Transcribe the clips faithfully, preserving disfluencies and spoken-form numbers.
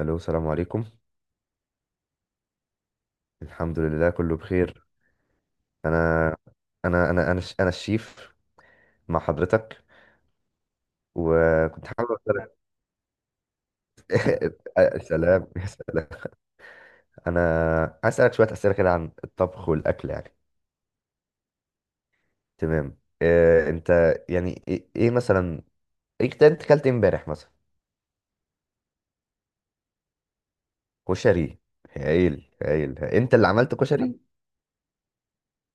الو، السلام عليكم. الحمد لله كله بخير. انا انا انا انا الش- انا الشيف مع حضرتك، وكنت حابب اسالك. سلام يا سلام. انا عايز اسالك شويه اسئله كده عن الطبخ والاكل يعني. تمام، إيه انت يعني، ايه، إيه مثلا؟ ايه، كت- انت اكلت إيه امبارح مثلا؟ كشري؟ هايل هايل، انت اللي عملت كشري؟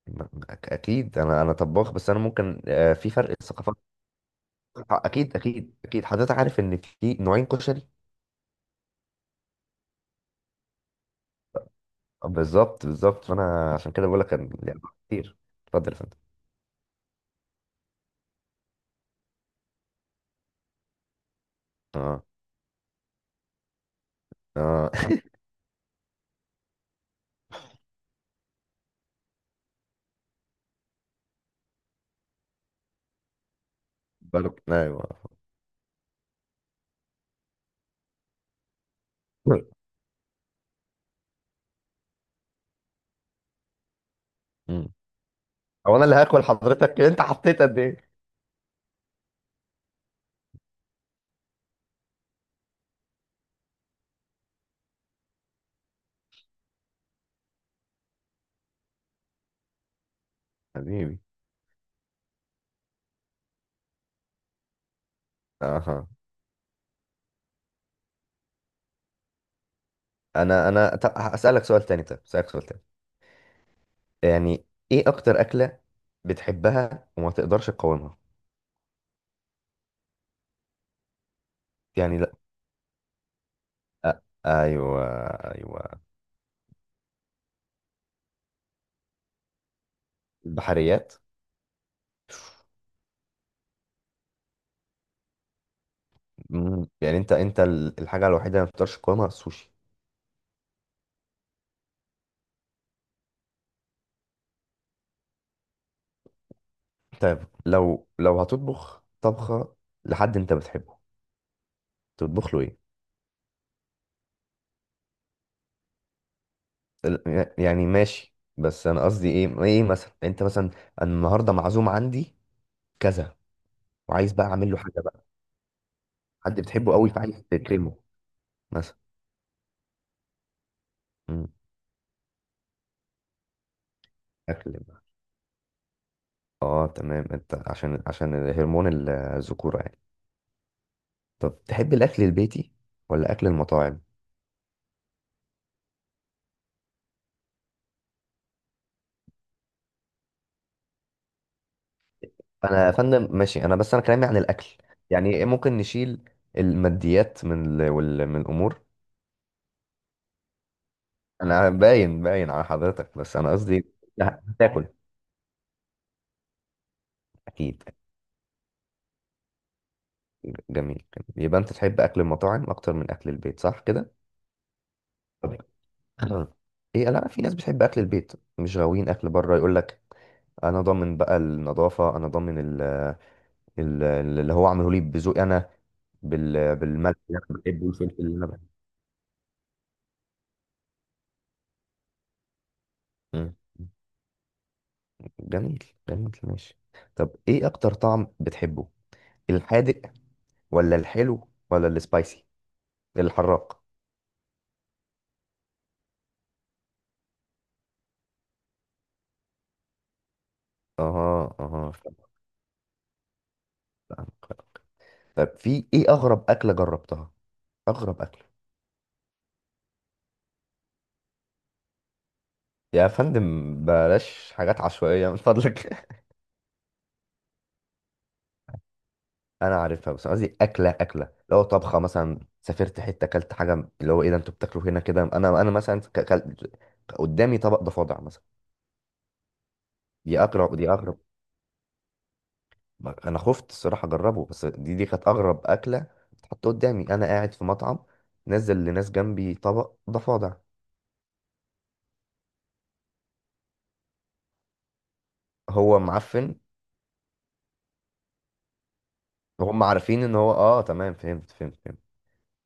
م- م- أك- اكيد، انا انا طباخ، بس انا ممكن، آه، في فرق ثقافات. اكيد اكيد اكيد، حضرتك عارف ان في نوعين كشري. بالظبط بالظبط، فانا عشان كده بقول لك، كان لعبة كتير. اتفضل يا فندم. اه اه. بالك، ايوه. مم. هو انا اللي هاكل؟ حضرتك انت حطيت قد ايه؟ حبيبي. اها. انا انا طب اسالك سؤال تاني طب اسالك سؤال تاني يعني، ايه اكتر اكله بتحبها وما تقدرش تقاومها؟ يعني لا. أ... ايوه، ايوه. البحريات. مم. يعني انت انت، ال- الحاجه الوحيده اللي ما تقدرش تقاومها السوشي؟ طيب، لو لو هتطبخ طبخه لحد انت بتحبه، تطبخ له ايه؟ ال- يعني ماشي، بس انا قصدي ايه؟ ايه مثلا؟ انت مثلا أنا النهارده معزوم عندي كذا، وعايز بقى اعمل له حاجه بقى، حد بتحبه قوي فعايز تكرمه مثلا. مم. اكل بقى. اه تمام، انت عشان عشان هرمون الذكوره يعني. طب، تحب الاكل البيتي ولا اكل المطاعم؟ انا يا فندم ماشي، انا بس انا كلامي عن الاكل. يعني إيه، ممكن نشيل الماديات من ال... وال... من الامور. انا باين باين على حضرتك، بس انا قصدي إيه؟ لا، هتاكل. اكيد. جميل جميل، يبقى انت تحب اكل المطاعم اكتر من اكل البيت، صح كده؟ طب، ايه، لا، في ناس بتحب اكل البيت، مش غاويين اكل بره. يقول لك، انا ضامن بقى النظافه، انا ضامن ال- ال- اللي هو عامله لي بذوقي انا، بال- بالملح اللي انا بحبه والفلفل اللي انا بحبه. مم. جميل جميل، ماشي. طب، ايه اكتر طعم بتحبه، الحادق ولا الحلو ولا السبايسي، الحراق؟ اها اها، فاهمك، فاهمك. طب، في ايه اغرب اكله جربتها، اغرب اكله؟ يا فندم، بلاش حاجات عشوائية من فضلك. أنا عارفها، بس أنا قصدي أكلة، أكلة لو طبخة مثلا، سافرت حتة أكلت حاجة اللي هو إيه ده، أنتوا بتاكلوا هنا كده؟ أنا أنا مثلا، ك- كل- قدامي طبق ضفادع مثلا. دي أقرب دي أغرب. أنا خفت الصراحة أجربه، بس دي دي كانت أغرب أكلة اتحط قدامي. أنا قاعد في مطعم، نزل لناس جنبي طبق ضفادع، هو معفن وهم عارفين إن هو. آه تمام، فهمت فهمت فهمت.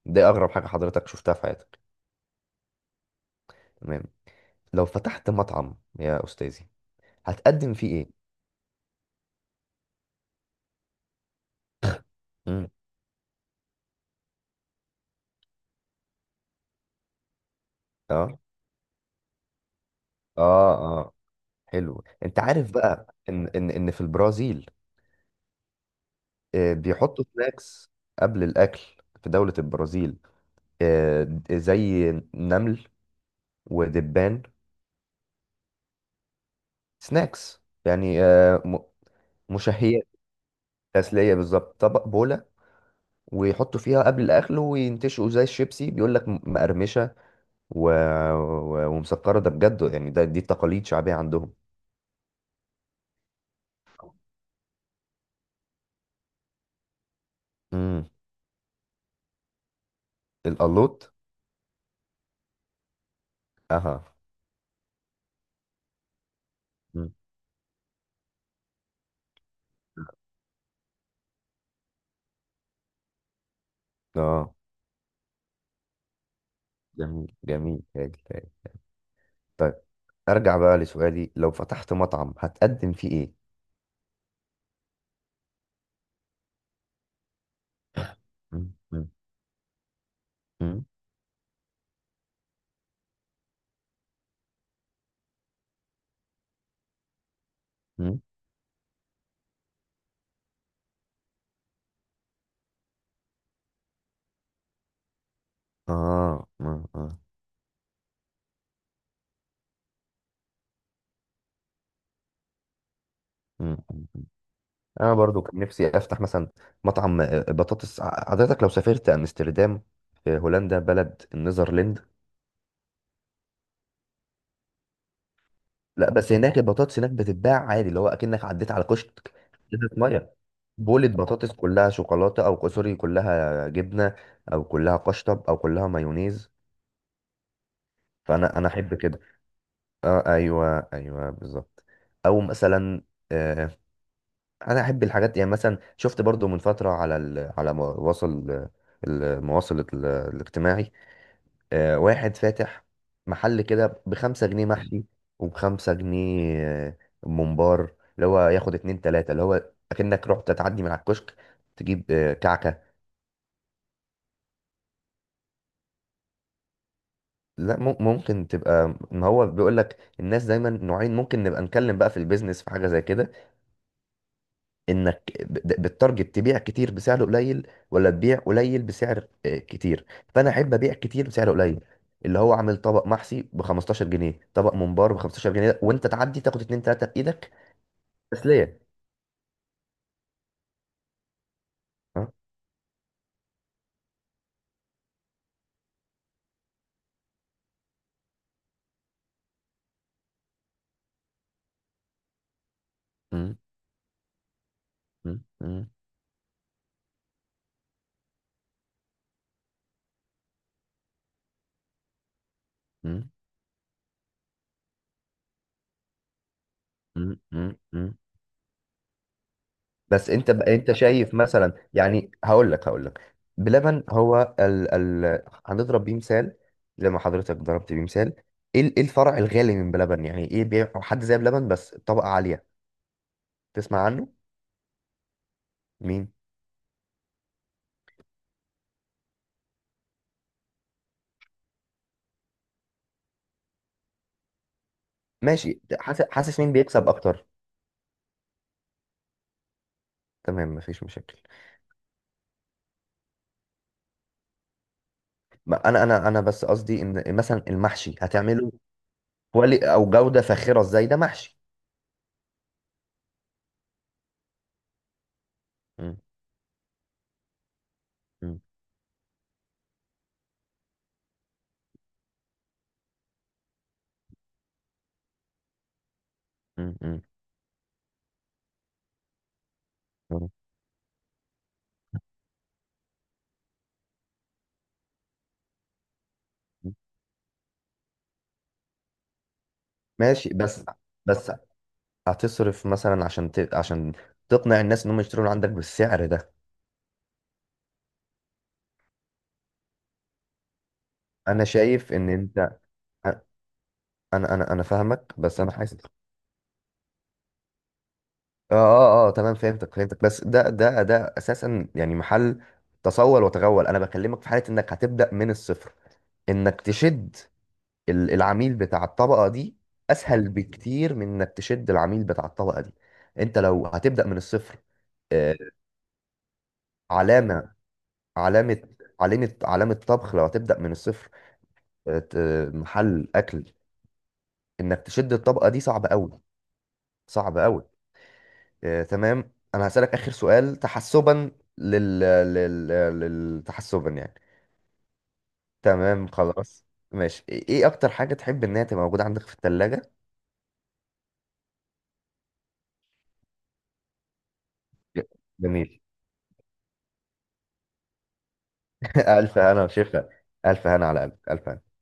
دي أغرب حاجة حضرتك شفتها في حياتك؟ تمام. لو فتحت مطعم يا أستاذي، هتقدم فيه ايه؟ امم اه اه اه، حلو. انت عارف بقى ان ان ان في البرازيل، آه، بيحطوا سناكس قبل الاكل، في دولة البرازيل، آه، زي نمل ودبان. سناكس يعني، آه، م- مشهيات، تسلية بالظبط، طبق بولة، ويحطوا فيها قبل الاكل وينتشوا زي الشيبسي. بيقول لك، م- مقرمشة و... و... ومسكرة، ده بجد يعني، ده دي تقاليد شعبية عندهم. امم القلوط. اها. مم. اه، جميل جميل، هادي هادي. طيب، ارجع بقى لسؤالي، لو فتحت مطعم هتقدم فيه ايه؟ مم، مم، مم، مم. اه، مم، آه، مم، مم، مم. انا برضو كان نفسي افتح مثلا مطعم، آه، بطاطس. ع- حضرتك لو سافرت امستردام، في هولندا، بلد النيذرلند. لا بس هناك، البطاطس هناك بتتباع عادي، اللي هو اكنك عديت على كشك، ازازه ميه، بولة بطاطس كلها شوكولاته، او سوري كلها جبنه، او كلها قشطب، او كلها مايونيز. فانا انا احب كده. اه، ايوه ايوه، بالظبط. او مثلا، آه انا احب الحاجات يعني. مثلا شفت برضو من فتره على ال... على مواصل، المواصل، ال- الاجتماعي. آه واحد فاتح محل كده بخمسة جنيه محشي، وبخمسة جنيه، آه، ممبار، اللي هو ياخد اتنين تلاتة، اللي هو اكنك رحت تعدي من على الكشك، تجيب آه، كعكه. لا، مم- ممكن تبقى. ما هو بيقول لك، الناس دايما نوعين. ممكن نبقى نتكلم بقى في البيزنس، في حاجه زي كده، انك ب- بالتارجت تبيع كتير بسعر قليل، ولا تبيع قليل بسعر، آه، كتير. فانا احب ابيع كتير بسعر قليل، اللي هو عامل طبق محشي ب خمستاشر جنيه، طبق ممبار ب خمستاشر جنيه، وانت تعدي تاخد اتنين تلاته بايدك، تسليه. ها؟ مم، مم، مم، مم، مم، مم، مم. بس انت بقى، انت شايف مثلا يعني. هقول لك هقول لك بلبن، هو ال ال هنضرب بيه مثال، زي ما حضرتك ضربت بيه مثال. ايه ال- إيه الفرع الغالي من بلبن؟ يعني، ايه بيع حد زي بلبن بس طبقة عالية؟ تسمع عنه؟ مين؟ ماشي، حاسس حاسس مين بيكسب اكتر. تمام، مفيش مشاكل. ما انا انا انا بس قصدي ان مثلا المحشي هتعمله كوالي او جودة فاخرة ازاي؟ ده محشي. مم. مم. مم. مم. مم. ماشي، بس بس هتصرف مثلا عشان ت... عشان تقنع الناس ان هم يشتروا من عندك بالسعر ده. انا شايف ان انت. انا انا انا فاهمك بس انا حاسس. اه اه اه، تمام، فهمتك فهمتك، بس ده ده ده اساسا يعني محل تصول وتغول. انا بكلمك في حاله انك هتبدا من الصفر، انك تشد ال- العميل بتاع الطبقه دي اسهل بكتير من انك تشد العميل بتاع الطبقه دي، انت لو هتبدا من الصفر. آه، علامه علامه علامه علامه طبخ، لو هتبدا من الصفر، آه، ت- محل اكل، انك تشد الطبقه دي صعب قوي، صعب قوي. آه، تمام. انا هسألك اخر سؤال تحسبا لل... لل... لل... تحسبا يعني. تمام، خلاص. ماشي، ايه، إيه اكتر حاجة تحب انها تبقى موجودة عندك في الثلاجة؟ جميل. الف هنا وشفا، الف هنا على قلبك، الف هنا.